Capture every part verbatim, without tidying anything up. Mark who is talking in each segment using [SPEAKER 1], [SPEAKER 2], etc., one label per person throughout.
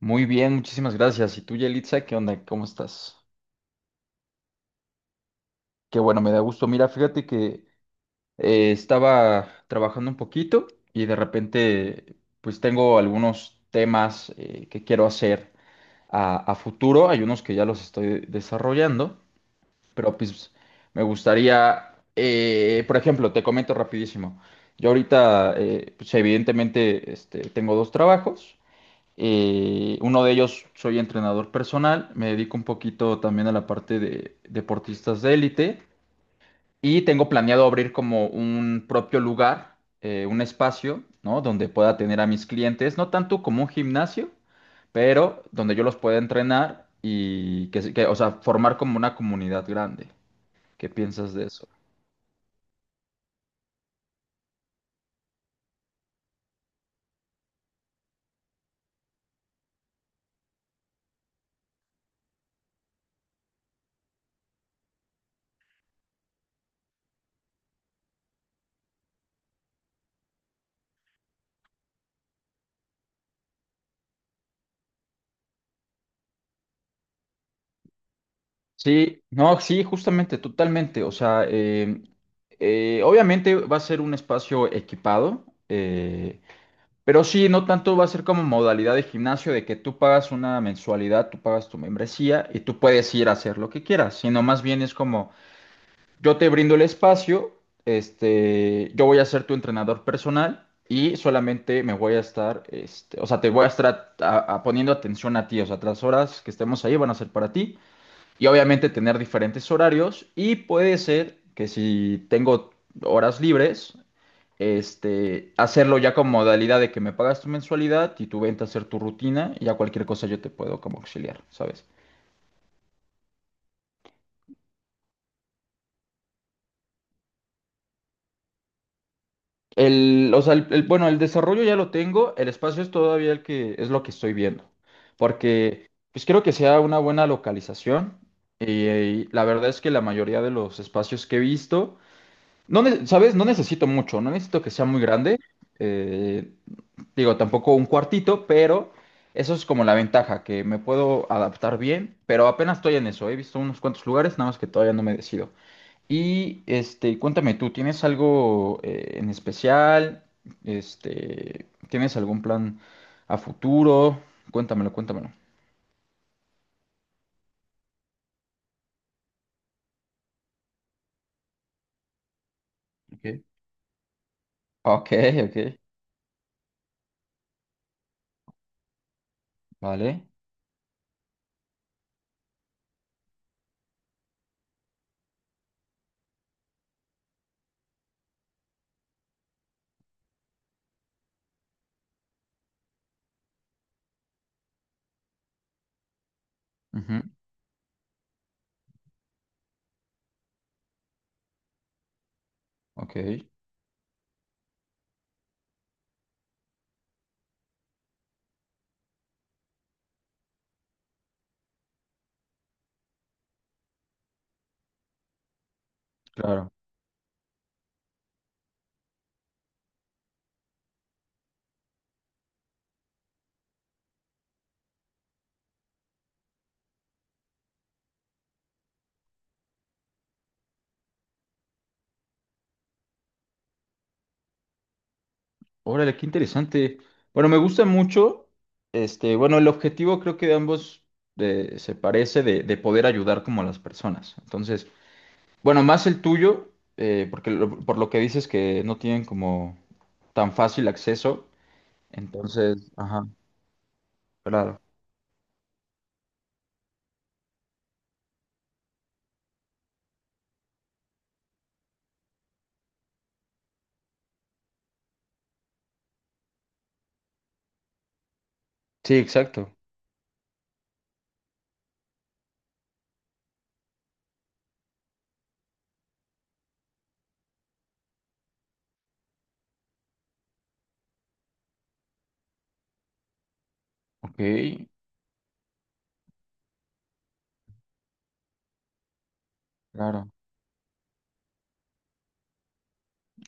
[SPEAKER 1] Muy bien, muchísimas gracias. ¿Y tú, Yelitza, qué onda? ¿Cómo estás? Qué bueno, me da gusto. Mira, fíjate que eh, estaba trabajando un poquito y de repente, pues tengo algunos temas eh, que quiero hacer a, a futuro. Hay unos que ya los estoy desarrollando, pero pues me gustaría, eh, por ejemplo, te comento rapidísimo. Yo ahorita, eh, pues evidentemente, este, tengo dos trabajos. Eh, uno de ellos soy entrenador personal, me dedico un poquito también a la parte de deportistas de élite y tengo planeado abrir como un propio lugar, eh, un espacio, ¿no? Donde pueda tener a mis clientes, no tanto como un gimnasio, pero donde yo los pueda entrenar y que, se- que, o sea, formar como una comunidad grande. ¿Qué piensas de eso? Sí, no, sí, justamente, totalmente. O sea, eh, eh, obviamente va a ser un espacio equipado. eh, Pero sí, no tanto va a ser como modalidad de gimnasio de que tú pagas una mensualidad, tú pagas tu membresía y tú puedes ir a hacer lo que quieras, sino más bien es como yo te brindo el espacio, este, yo voy a ser tu entrenador personal y solamente me voy a estar, este, o sea, te voy a estar a- a- poniendo atención a ti, o sea, las horas que estemos ahí van a ser para ti y obviamente tener diferentes horarios y puede ser que si tengo horas libres, este, hacerlo ya con modalidad de que me pagas tu mensualidad y tú vente a hacer tu rutina y ya cualquier cosa yo te puedo como auxiliar, ¿sabes? El, o sea, el- el- Bueno, el desarrollo ya lo tengo, el espacio es todavía el que es lo que estoy viendo, porque pues quiero que sea una buena localización y, y la verdad es que la mayoría de los espacios que he visto, no, ne- ¿sabes? No necesito mucho, no necesito que sea muy grande. eh, Digo, tampoco un cuartito, pero eso es como la ventaja, que me puedo adaptar bien, pero apenas estoy en eso. He visto unos cuantos lugares, nada más que todavía no me decido. Y este, cuéntame tú, ¿tienes algo eh, en especial? Este, ¿tienes algún plan a futuro? Cuéntamelo, cuéntamelo. Ok. Ok, ok, vale. Ujú, ok, claro. Órale, qué interesante. Bueno, me gusta mucho. Este, bueno, el objetivo creo que de ambos eh, se parece de, de poder ayudar como a las personas. Entonces, bueno, más el tuyo, eh, porque lo- por lo que dices que no tienen como tan fácil acceso. Entonces, ajá, claro. Sí, exacto. Ok, claro.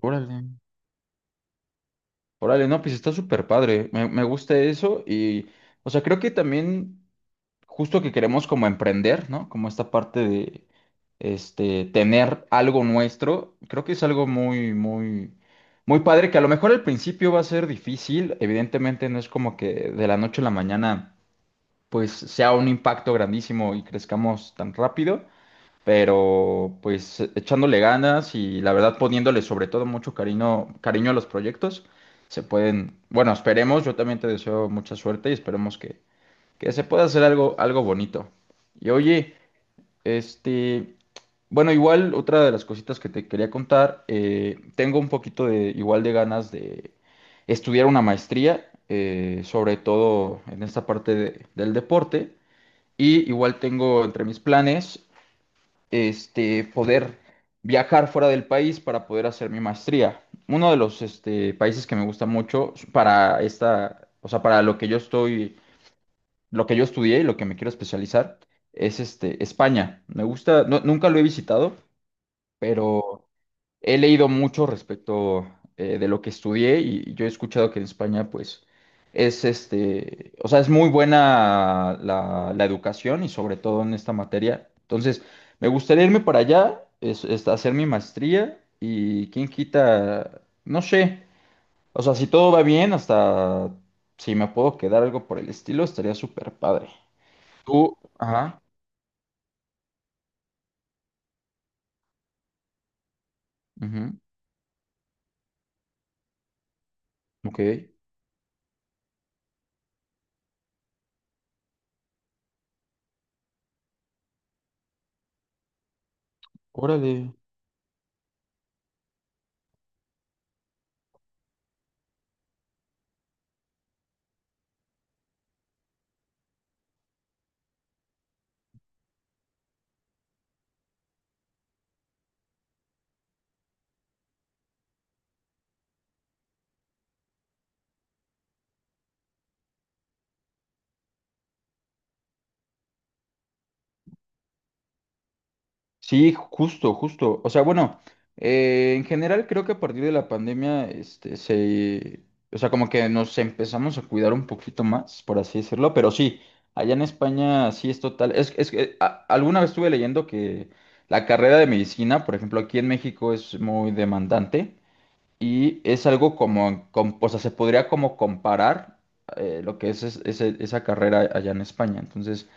[SPEAKER 1] Órale. Órale, no, pues está súper padre. Me, me gusta eso y, o sea, creo que también. Justo que queremos como emprender, ¿no? Como esta parte de este tener algo nuestro, creo que es algo muy, muy, muy padre, que a lo mejor al principio va a ser difícil, evidentemente no es como que de la noche a la mañana pues sea un impacto grandísimo y crezcamos tan rápido, pero pues e-, echándole ganas y la verdad poniéndole sobre todo mucho cariño, cariño a los proyectos, se pueden, bueno, esperemos, yo también te deseo mucha suerte y esperemos que que se pueda hacer algo, algo bonito. Y oye, este, bueno, igual otra de las cositas que te quería contar, eh, tengo un poquito de, igual de ganas de estudiar una maestría, eh, sobre todo en esta parte de- del deporte, y igual tengo entre mis planes, este, poder viajar fuera del país para poder hacer mi maestría. Uno de los, este, países que me gusta mucho para esta, o sea, para lo que yo estoy lo que yo estudié y lo que me quiero especializar es este, España. Me gusta, no- nunca lo he visitado, pero he leído mucho respecto eh, de lo que estudié y yo he escuchado que en España, pues, es este, o sea, es muy buena la, la educación y sobre todo en esta materia. Entonces, me gustaría irme para allá, es, es hacer mi maestría y quién quita, no sé, o sea, si todo va bien, hasta si me puedo quedar algo por el estilo, estaría súper padre. Tú, ajá, ujú, ok, órale. Sí, justo, justo. O sea, bueno, eh, en general creo que a partir de la pandemia, este, se, o sea, como que nos empezamos a cuidar un poquito más, por así decirlo, pero sí, allá en España sí es total. Es, es que a- alguna vez estuve leyendo que la carrera de medicina, por ejemplo, aquí en México es muy demandante y es algo como, com- o sea, se podría como comparar eh, lo que es, es- ese- esa carrera allá en España. Entonces,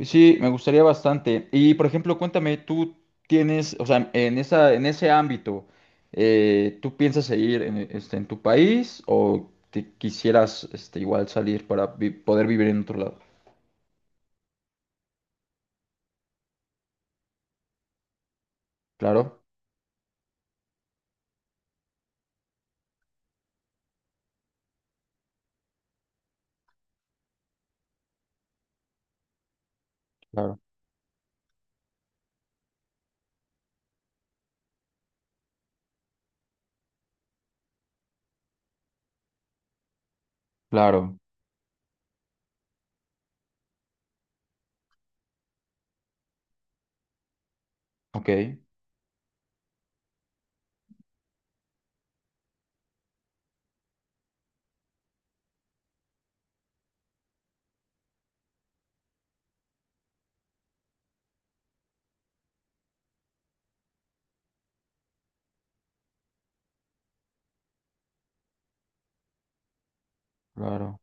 [SPEAKER 1] sí, me gustaría bastante. Y por ejemplo, cuéntame, tú tienes, o sea, en esa, en ese ámbito, eh, ¿tú piensas seguir en, este, en tu país o te quisieras este, igual salir para vi- poder vivir en otro lado? Claro, claro, claro, ok, claro,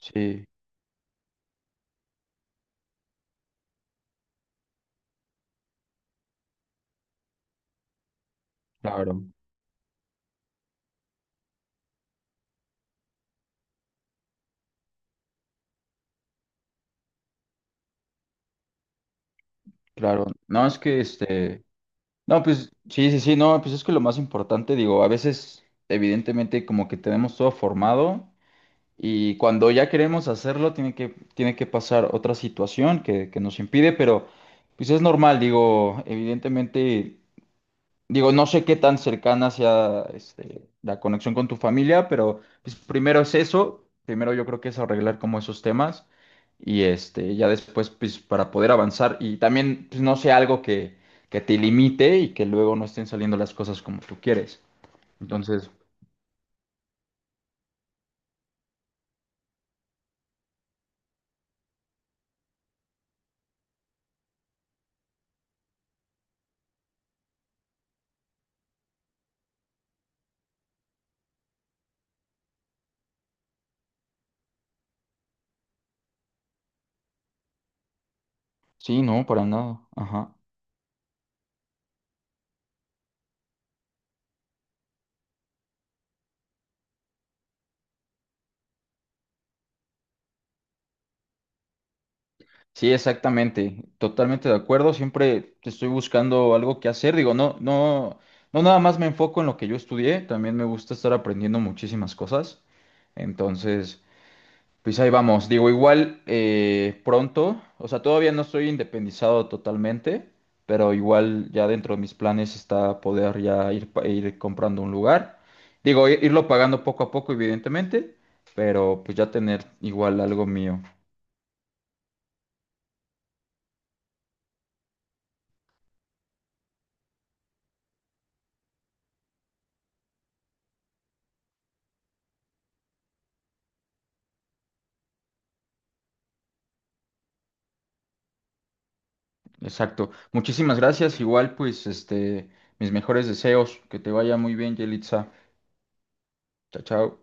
[SPEAKER 1] sí, claro, claro. No, es que este, no, pues sí, sí, sí, no, pues es que lo más importante, digo, a veces, evidentemente, como que tenemos todo formado. Y cuando ya queremos hacerlo, tiene que, tiene que pasar otra situación que, que nos impide, pero pues es normal, digo, evidentemente, digo, no sé qué tan cercana sea este, la conexión con tu familia, pero pues primero es eso, primero yo creo que es arreglar como esos temas y este, ya después pues para poder avanzar y también pues no sea algo que, que te limite y que luego no estén saliendo las cosas como tú quieres. Entonces, sí, no, para nada. Ajá. Sí, exactamente, totalmente de acuerdo. Siempre estoy buscando algo que hacer. Digo, no, no, no nada más me enfoco en lo que yo estudié, también me gusta estar aprendiendo muchísimas cosas. Entonces, pues ahí vamos. Digo, igual eh, pronto, o sea, todavía no estoy independizado totalmente, pero igual ya dentro de mis planes está poder ya ir, pa- ir comprando un lugar. Digo, i- irlo pagando poco a poco, evidentemente, pero pues ya tener igual algo mío. Exacto. Muchísimas gracias. Igual, pues, este, mis mejores deseos. Que te vaya muy bien, Yelitza. Chao, chao.